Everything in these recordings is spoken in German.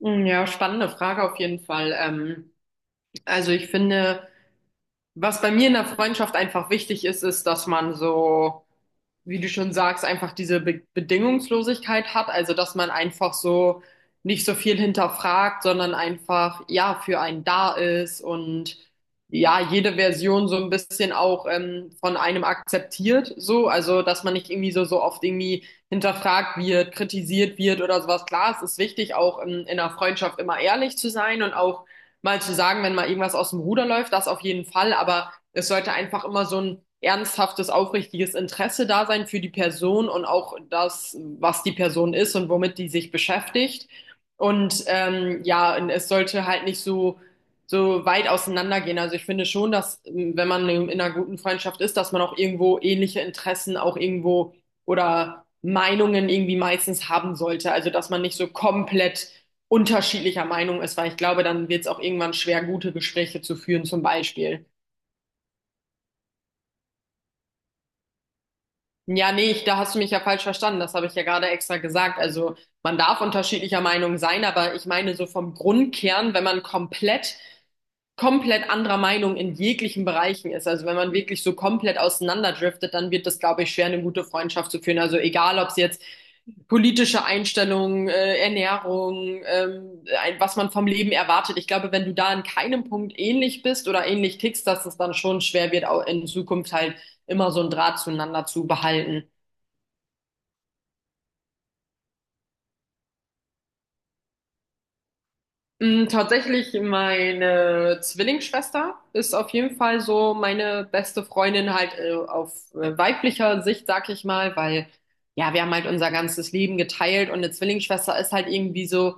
Mm, ja, spannende Frage auf jeden Fall. Also ich finde, was bei mir in der Freundschaft einfach wichtig ist, ist, dass man, so wie du schon sagst, einfach diese Be Bedingungslosigkeit hat, also dass man einfach so nicht so viel hinterfragt, sondern einfach ja für einen da ist und ja jede Version so ein bisschen auch, von einem akzeptiert, so, also dass man nicht irgendwie so oft irgendwie hinterfragt wird, kritisiert wird oder sowas. Klar, es ist wichtig, auch in einer Freundschaft immer ehrlich zu sein und auch mal zu sagen, wenn mal irgendwas aus dem Ruder läuft, das auf jeden Fall, aber es sollte einfach immer so ein ernsthaftes, aufrichtiges Interesse da sein für die Person und auch das, was die Person ist und womit die sich beschäftigt. Und ja, und es sollte halt nicht so, so weit auseinandergehen. Also ich finde schon, dass, wenn man in einer guten Freundschaft ist, dass man auch irgendwo ähnliche Interessen auch irgendwo oder Meinungen irgendwie meistens haben sollte. Also dass man nicht so komplett unterschiedlicher Meinung ist, weil ich glaube, dann wird es auch irgendwann schwer, gute Gespräche zu führen, zum Beispiel. Ja, nee, ich, da hast du mich ja falsch verstanden. Das habe ich ja gerade extra gesagt. Also man darf unterschiedlicher Meinung sein, aber ich meine so vom Grundkern, wenn man komplett, komplett anderer Meinung in jeglichen Bereichen ist. Also wenn man wirklich so komplett auseinanderdriftet, dann wird das, glaube ich, schwer, eine gute Freundschaft zu führen. Also egal, ob es jetzt politische Einstellungen, Ernährung, was man vom Leben erwartet. Ich glaube, wenn du da an keinem Punkt ähnlich bist oder ähnlich tickst, dass es dann schon schwer wird, auch in Zukunft halt immer so einen Draht zueinander zu behalten. Mm, tatsächlich, meine Zwillingsschwester ist auf jeden Fall so meine beste Freundin halt, auf weiblicher Sicht, sag ich mal, weil ja, wir haben halt unser ganzes Leben geteilt und eine Zwillingsschwester ist halt irgendwie so,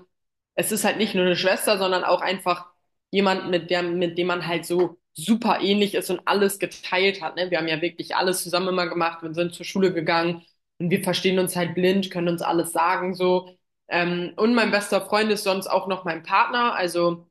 es ist halt nicht nur eine Schwester, sondern auch einfach jemand, mit der, mit dem man halt so super ähnlich ist und alles geteilt hat, ne? Wir haben ja wirklich alles zusammen immer gemacht, wir sind zur Schule gegangen und wir verstehen uns halt blind, können uns alles sagen so. Und mein bester Freund ist sonst auch noch mein Partner. Also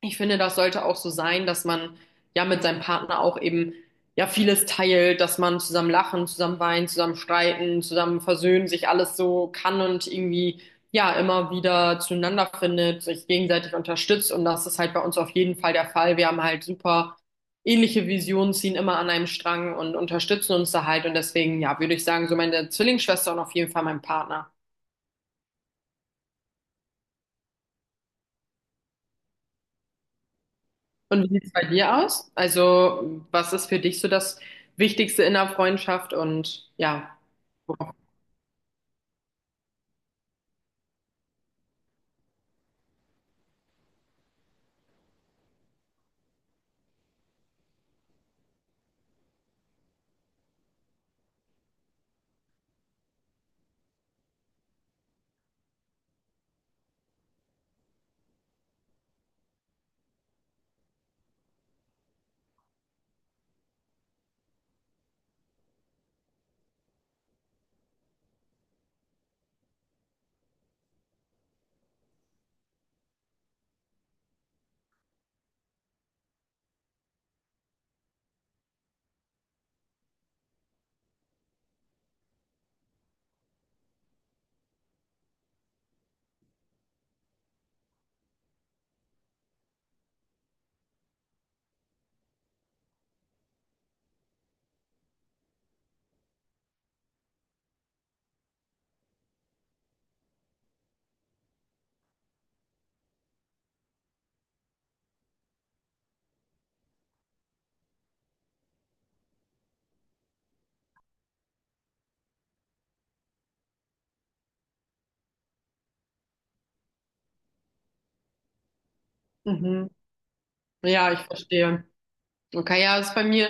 ich finde, das sollte auch so sein, dass man ja mit seinem Partner auch eben ja vieles teilt, dass man zusammen lachen, zusammen weinen, zusammen streiten, zusammen versöhnen, sich alles so kann und irgendwie ja immer wieder zueinander findet, sich gegenseitig unterstützt. Und das ist halt bei uns auf jeden Fall der Fall. Wir haben halt super ähnliche Visionen, ziehen immer an einem Strang und unterstützen uns da halt. Und deswegen, ja, würde ich sagen, so meine Zwillingsschwester und auf jeden Fall mein Partner. Und wie sieht es bei dir aus? Also, was ist für dich so das Wichtigste in der Freundschaft? Und ja, mhm. Ja, ich verstehe. Okay, ja, das ist bei mir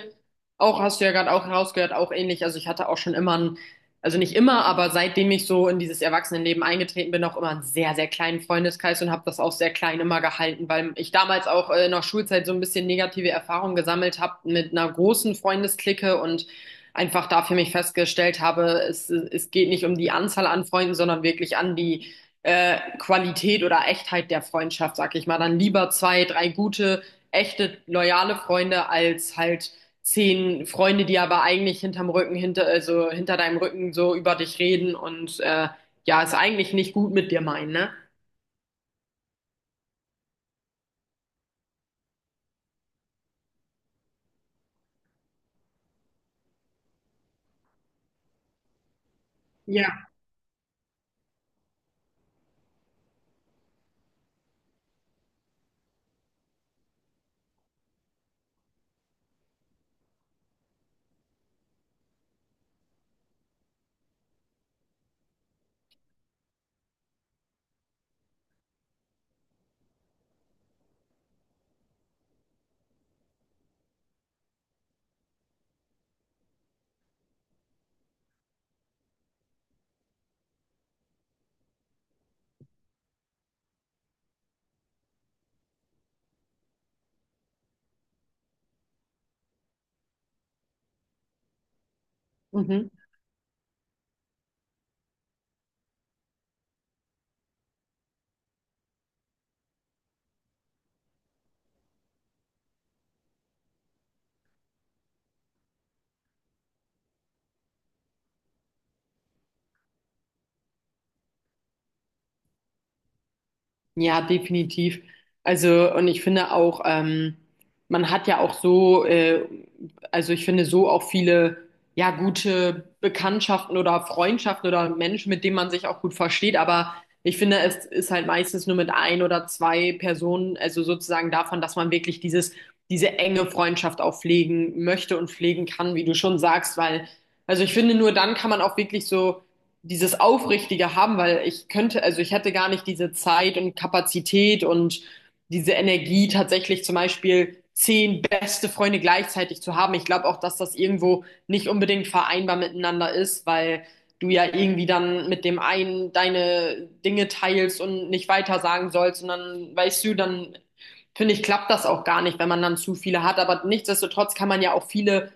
auch, hast du ja gerade auch herausgehört, auch ähnlich. Also ich hatte auch schon immer einen, also nicht immer, aber seitdem ich so in dieses Erwachsenenleben eingetreten bin, auch immer einen sehr, sehr kleinen Freundeskreis und habe das auch sehr klein immer gehalten, weil ich damals auch, in der Schulzeit so ein bisschen negative Erfahrungen gesammelt habe mit einer großen Freundesklicke und einfach da für mich festgestellt habe, es geht nicht um die Anzahl an Freunden, sondern wirklich an die, Qualität oder Echtheit der Freundschaft, sag ich mal. Dann lieber zwei, drei gute echte loyale Freunde als halt zehn Freunde, die aber eigentlich hinterm Rücken, hinter, also hinter deinem Rücken so über dich reden und, ja, es eigentlich nicht gut mit dir meinen, ne? Ja. Mhm. Ja, definitiv. Also, und ich finde auch, man hat ja auch so, also ich finde so auch viele, ja, gute Bekanntschaften oder Freundschaften oder Menschen, mit denen man sich auch gut versteht. Aber ich finde, es ist halt meistens nur mit ein oder zwei Personen, also sozusagen davon, dass man wirklich dieses, diese enge Freundschaft auch pflegen möchte und pflegen kann, wie du schon sagst, weil, also ich finde, nur dann kann man auch wirklich so dieses Aufrichtige haben, weil ich könnte, also ich hätte gar nicht diese Zeit und Kapazität und diese Energie tatsächlich zum Beispiel zehn beste Freunde gleichzeitig zu haben. Ich glaube auch, dass das irgendwo nicht unbedingt vereinbar miteinander ist, weil du ja irgendwie dann mit dem einen deine Dinge teilst und nicht weiter sagen sollst und dann weißt du, dann finde ich, klappt das auch gar nicht, wenn man dann zu viele hat. Aber nichtsdestotrotz kann man ja auch viele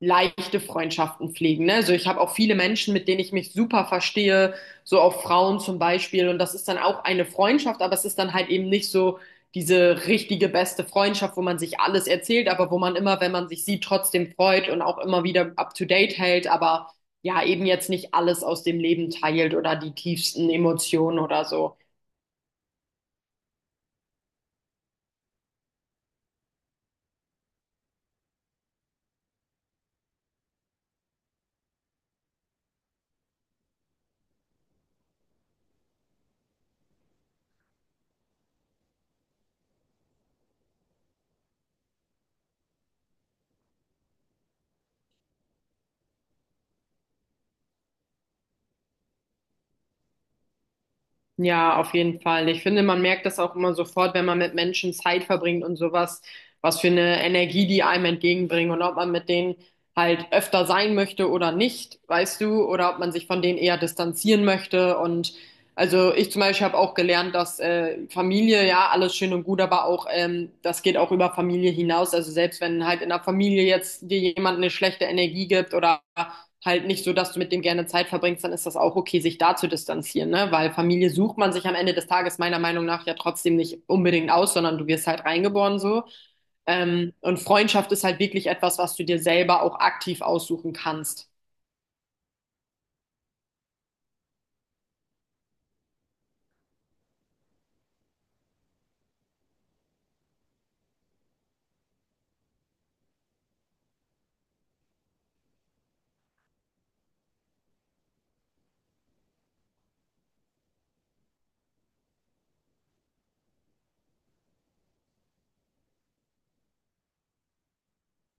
leichte Freundschaften pflegen. Ne? Also ich habe auch viele Menschen, mit denen ich mich super verstehe, so auch Frauen zum Beispiel. Und das ist dann auch eine Freundschaft, aber es ist dann halt eben nicht so diese richtige beste Freundschaft, wo man sich alles erzählt, aber wo man immer, wenn man sich sieht, trotzdem freut und auch immer wieder up to date hält, aber ja, eben jetzt nicht alles aus dem Leben teilt oder die tiefsten Emotionen oder so. Ja, auf jeden Fall. Ich finde, man merkt das auch immer sofort, wenn man mit Menschen Zeit verbringt und sowas, was für eine Energie die einem entgegenbringen und ob man mit denen halt öfter sein möchte oder nicht, weißt du, oder ob man sich von denen eher distanzieren möchte. Und also ich zum Beispiel habe auch gelernt, dass, Familie, ja, alles schön und gut, aber auch, das geht auch über Familie hinaus. Also selbst wenn halt in der Familie jetzt dir jemand eine schlechte Energie gibt oder halt nicht so, dass du mit dem gerne Zeit verbringst, dann ist das auch okay, sich da zu distanzieren, ne? Weil Familie sucht man sich am Ende des Tages meiner Meinung nach ja trotzdem nicht unbedingt aus, sondern du wirst halt reingeboren so. Und Freundschaft ist halt wirklich etwas, was du dir selber auch aktiv aussuchen kannst.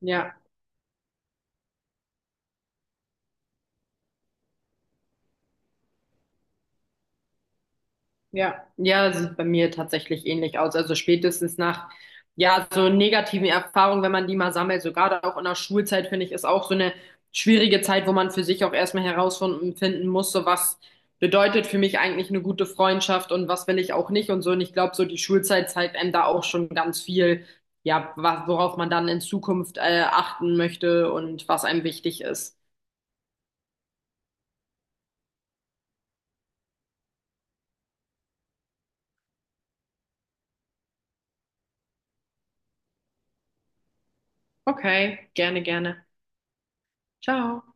Ja. Ja, ja, das sieht bei mir tatsächlich ähnlich aus. Also spätestens nach, ja, so negativen Erfahrungen, wenn man die mal sammelt, so gerade auch in der Schulzeit, finde ich, ist auch so eine schwierige Zeit, wo man für sich auch erstmal herausfinden finden muss, so was bedeutet für mich eigentlich eine gute Freundschaft und was will ich auch nicht und so. Und ich glaube, so die Schulzeit zeigt einem da auch schon ganz viel, ja, worauf man dann in Zukunft, achten möchte und was einem wichtig ist. Okay, gerne, gerne. Ciao.